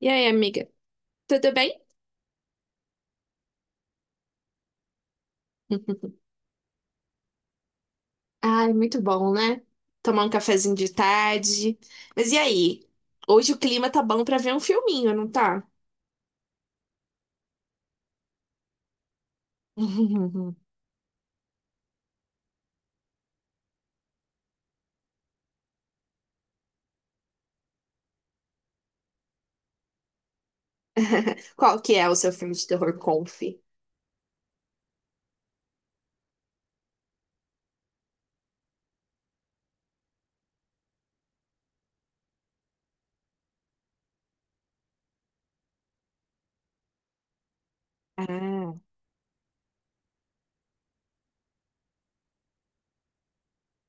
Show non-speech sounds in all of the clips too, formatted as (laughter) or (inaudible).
E aí, amiga? Tudo bem? Ai, muito bom, né? Tomar um cafezinho de tarde. Mas e aí? Hoje o clima tá bom pra ver um filminho, não tá? (laughs) Qual que é o seu filme de terror conf? Ah,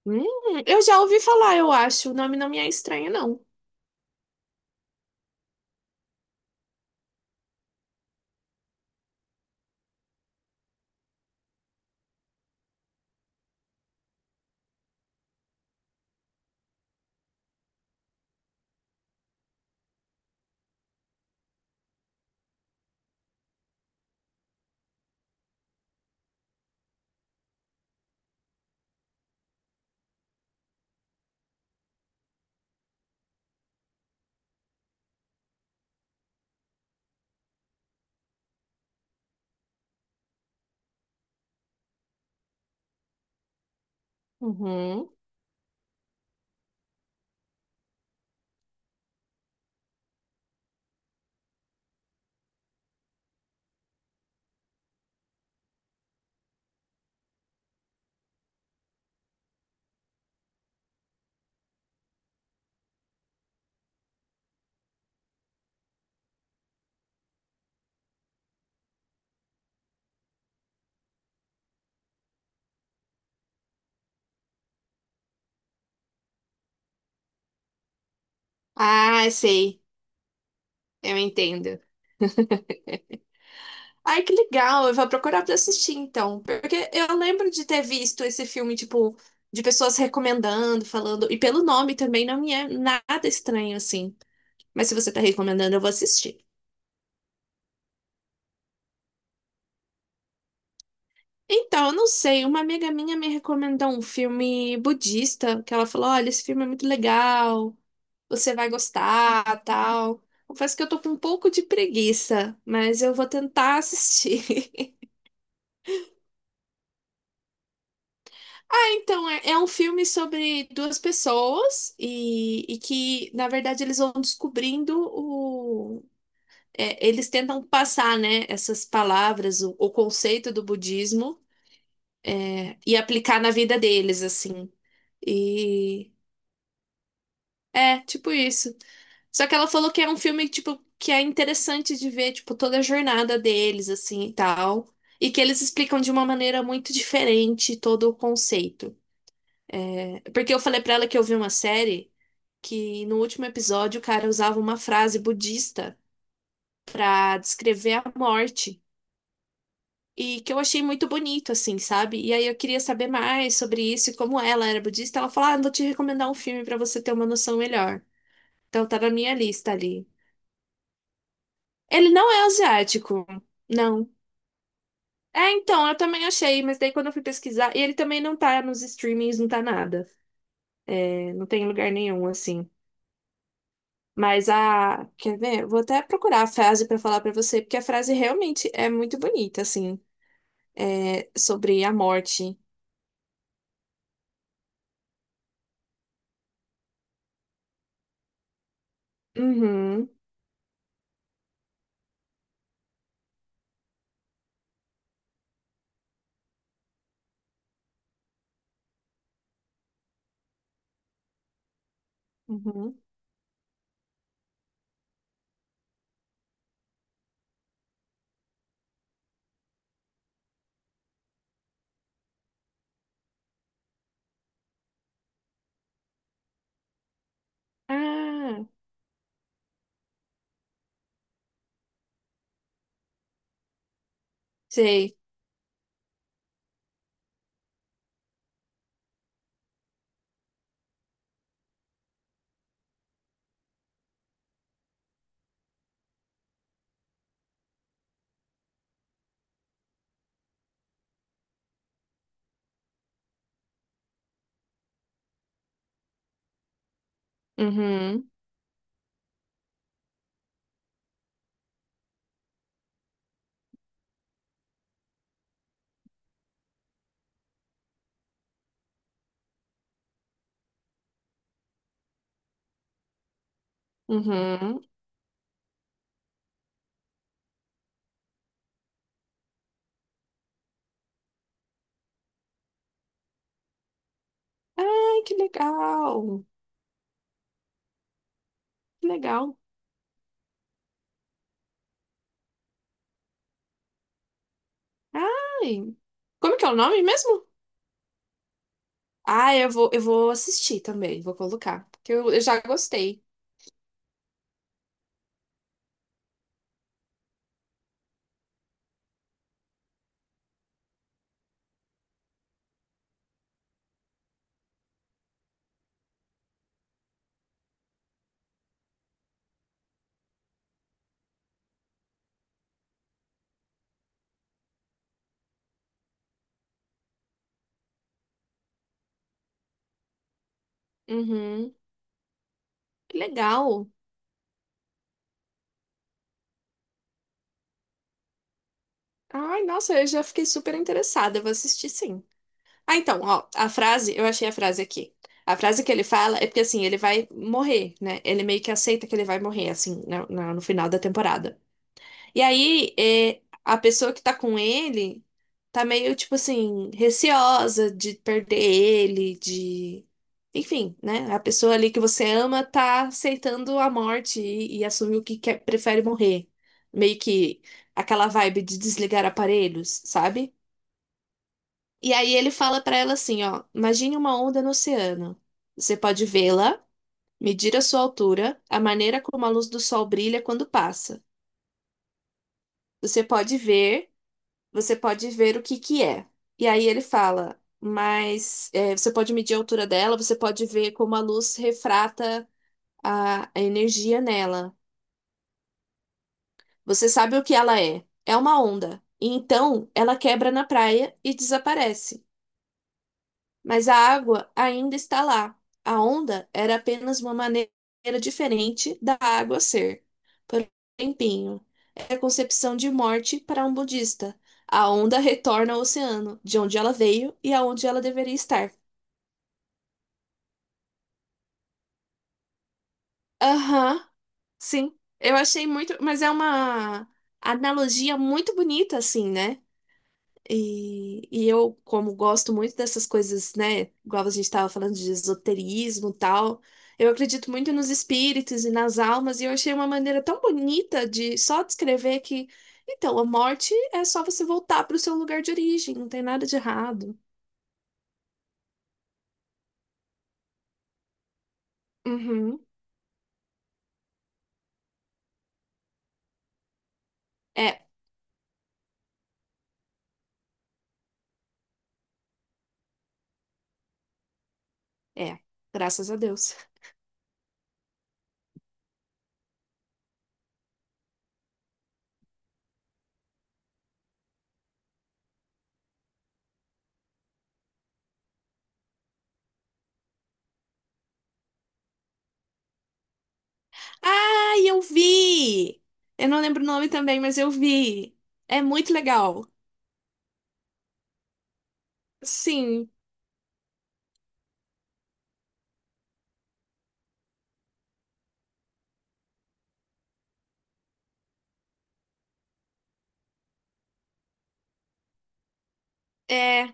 hum, eu já ouvi falar, eu acho. O nome não me é estranho, não. Uhum. Ah, sei. Eu entendo. Ai, que legal, eu vou procurar pra assistir então, porque eu lembro de ter visto esse filme, tipo, de pessoas recomendando, falando, e pelo nome também não me é nada estranho assim, mas se você tá recomendando, eu vou assistir. Então, eu não sei, uma amiga minha me recomendou um filme budista, que ela falou, olha, esse filme é muito legal, você vai gostar, tal. Confesso que eu tô com um pouco de preguiça, mas eu vou tentar assistir. (laughs) Então, é um filme sobre duas pessoas e que, na verdade, eles vão descobrindo o. É, eles tentam passar, né, essas palavras, o conceito do budismo, e aplicar na vida deles, assim. E é, tipo isso. Só que ela falou que é um filme, tipo, que é interessante de ver, tipo, toda a jornada deles, assim, e tal. E que eles explicam de uma maneira muito diferente todo o conceito. É. Porque eu falei pra ela que eu vi uma série que no último episódio o cara usava uma frase budista para descrever a morte. E que eu achei muito bonito, assim, sabe? E aí eu queria saber mais sobre isso e como ela era budista. Ela falou: Ah, vou te recomendar um filme para você ter uma noção melhor. Então tá na minha lista ali. Ele não é asiático, não. É, então, eu também achei, mas daí quando eu fui pesquisar, e ele também não tá nos streamings, não tá nada. É, não tem em lugar nenhum, assim. Mas a. Quer ver? Vou até procurar a frase para falar para você, porque a frase realmente é muito bonita, assim. É sobre a morte. Uhum, uhum. Ah, sei. Uhum, uhum. Ai, que legal. Que legal. Ai. Como que é o nome mesmo? Ah, eu vou assistir também, vou colocar. Porque eu já gostei. Uhum. Que legal. Ai, nossa, eu já fiquei super interessada. Eu vou assistir sim. Ah, então, ó, a frase, eu achei a frase aqui. A frase que ele fala é porque, assim, ele vai morrer, né? Ele meio que aceita que ele vai morrer, assim, no final da temporada. E aí, é, a pessoa que tá com ele tá meio, tipo assim, receosa de perder ele, de... Enfim, né? A pessoa ali que você ama tá aceitando a morte e assume o que quer, prefere morrer. Meio que aquela vibe de desligar aparelhos, sabe? E aí ele fala pra ela assim, ó, imagine uma onda no oceano. Você pode vê-la, medir a sua altura, a maneira como a luz do sol brilha quando passa. Você pode ver, você pode ver o que que é. E aí ele fala, mas é, você pode medir a altura dela, você pode ver como a luz refrata a energia nela. Você sabe o que ela é? É uma onda. E então ela quebra na praia e desaparece. Mas a água ainda está lá. A onda era apenas uma maneira diferente da água ser. Por um tempinho, é a concepção de morte para um budista. A onda retorna ao oceano, de onde ela veio e aonde ela deveria estar. Aham, sim. Eu achei muito, mas é uma analogia muito bonita, assim, né? E eu, como gosto muito dessas coisas, né? Igual a gente estava falando de esoterismo e tal, eu acredito muito nos espíritos e nas almas, e eu achei uma maneira tão bonita de só descrever que, então, a morte é só você voltar para o seu lugar de origem, não tem nada de errado. Uhum. É, é, graças a Deus. Ai, eu vi! Eu não lembro o nome também, mas eu vi. É muito legal. Sim, é.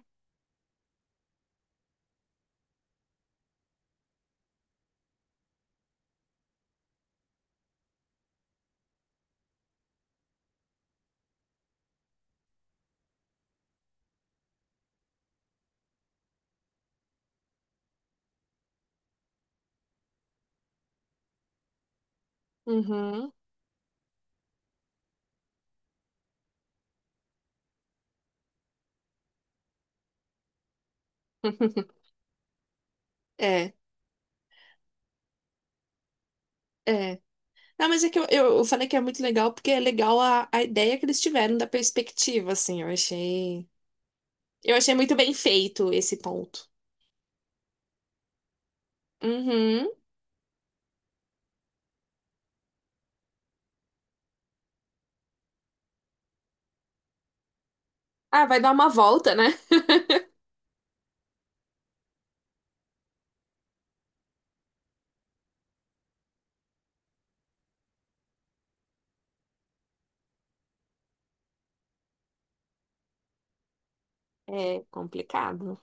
Uhum. (laughs) É, é. Não, mas é que eu falei que é muito legal porque é legal a ideia que eles tiveram da perspectiva, assim. Eu achei. Eu achei muito bem feito esse ponto. Uhum. Ah, vai dar uma volta, né? É complicado.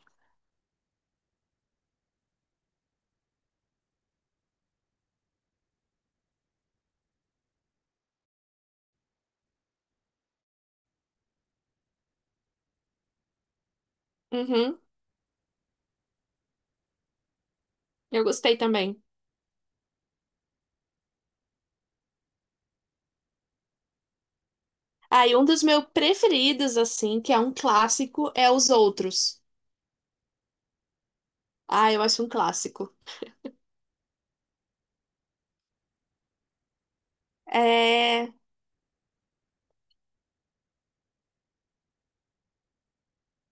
Uhum. Eu gostei também. Ah, e um dos meus preferidos, assim, que é um clássico, é Os Outros. Ah, eu acho um clássico. É.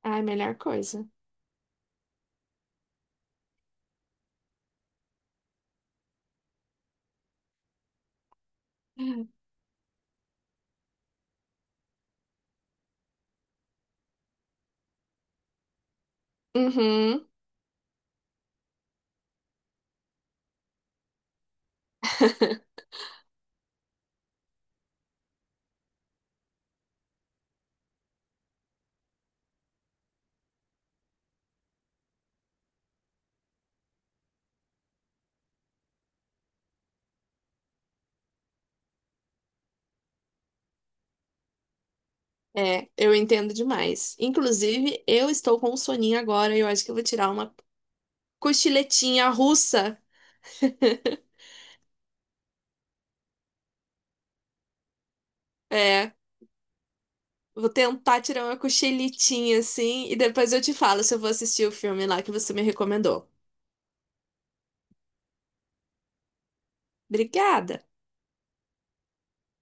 Ai, melhor coisa. Uhum. (laughs) É, eu entendo demais. Inclusive, eu estou com um soninho agora e eu acho que eu vou tirar uma cochiletinha russa. (laughs) É, vou tentar tirar uma cochiletinha assim e depois eu te falo se eu vou assistir o filme lá que você me recomendou. Obrigada!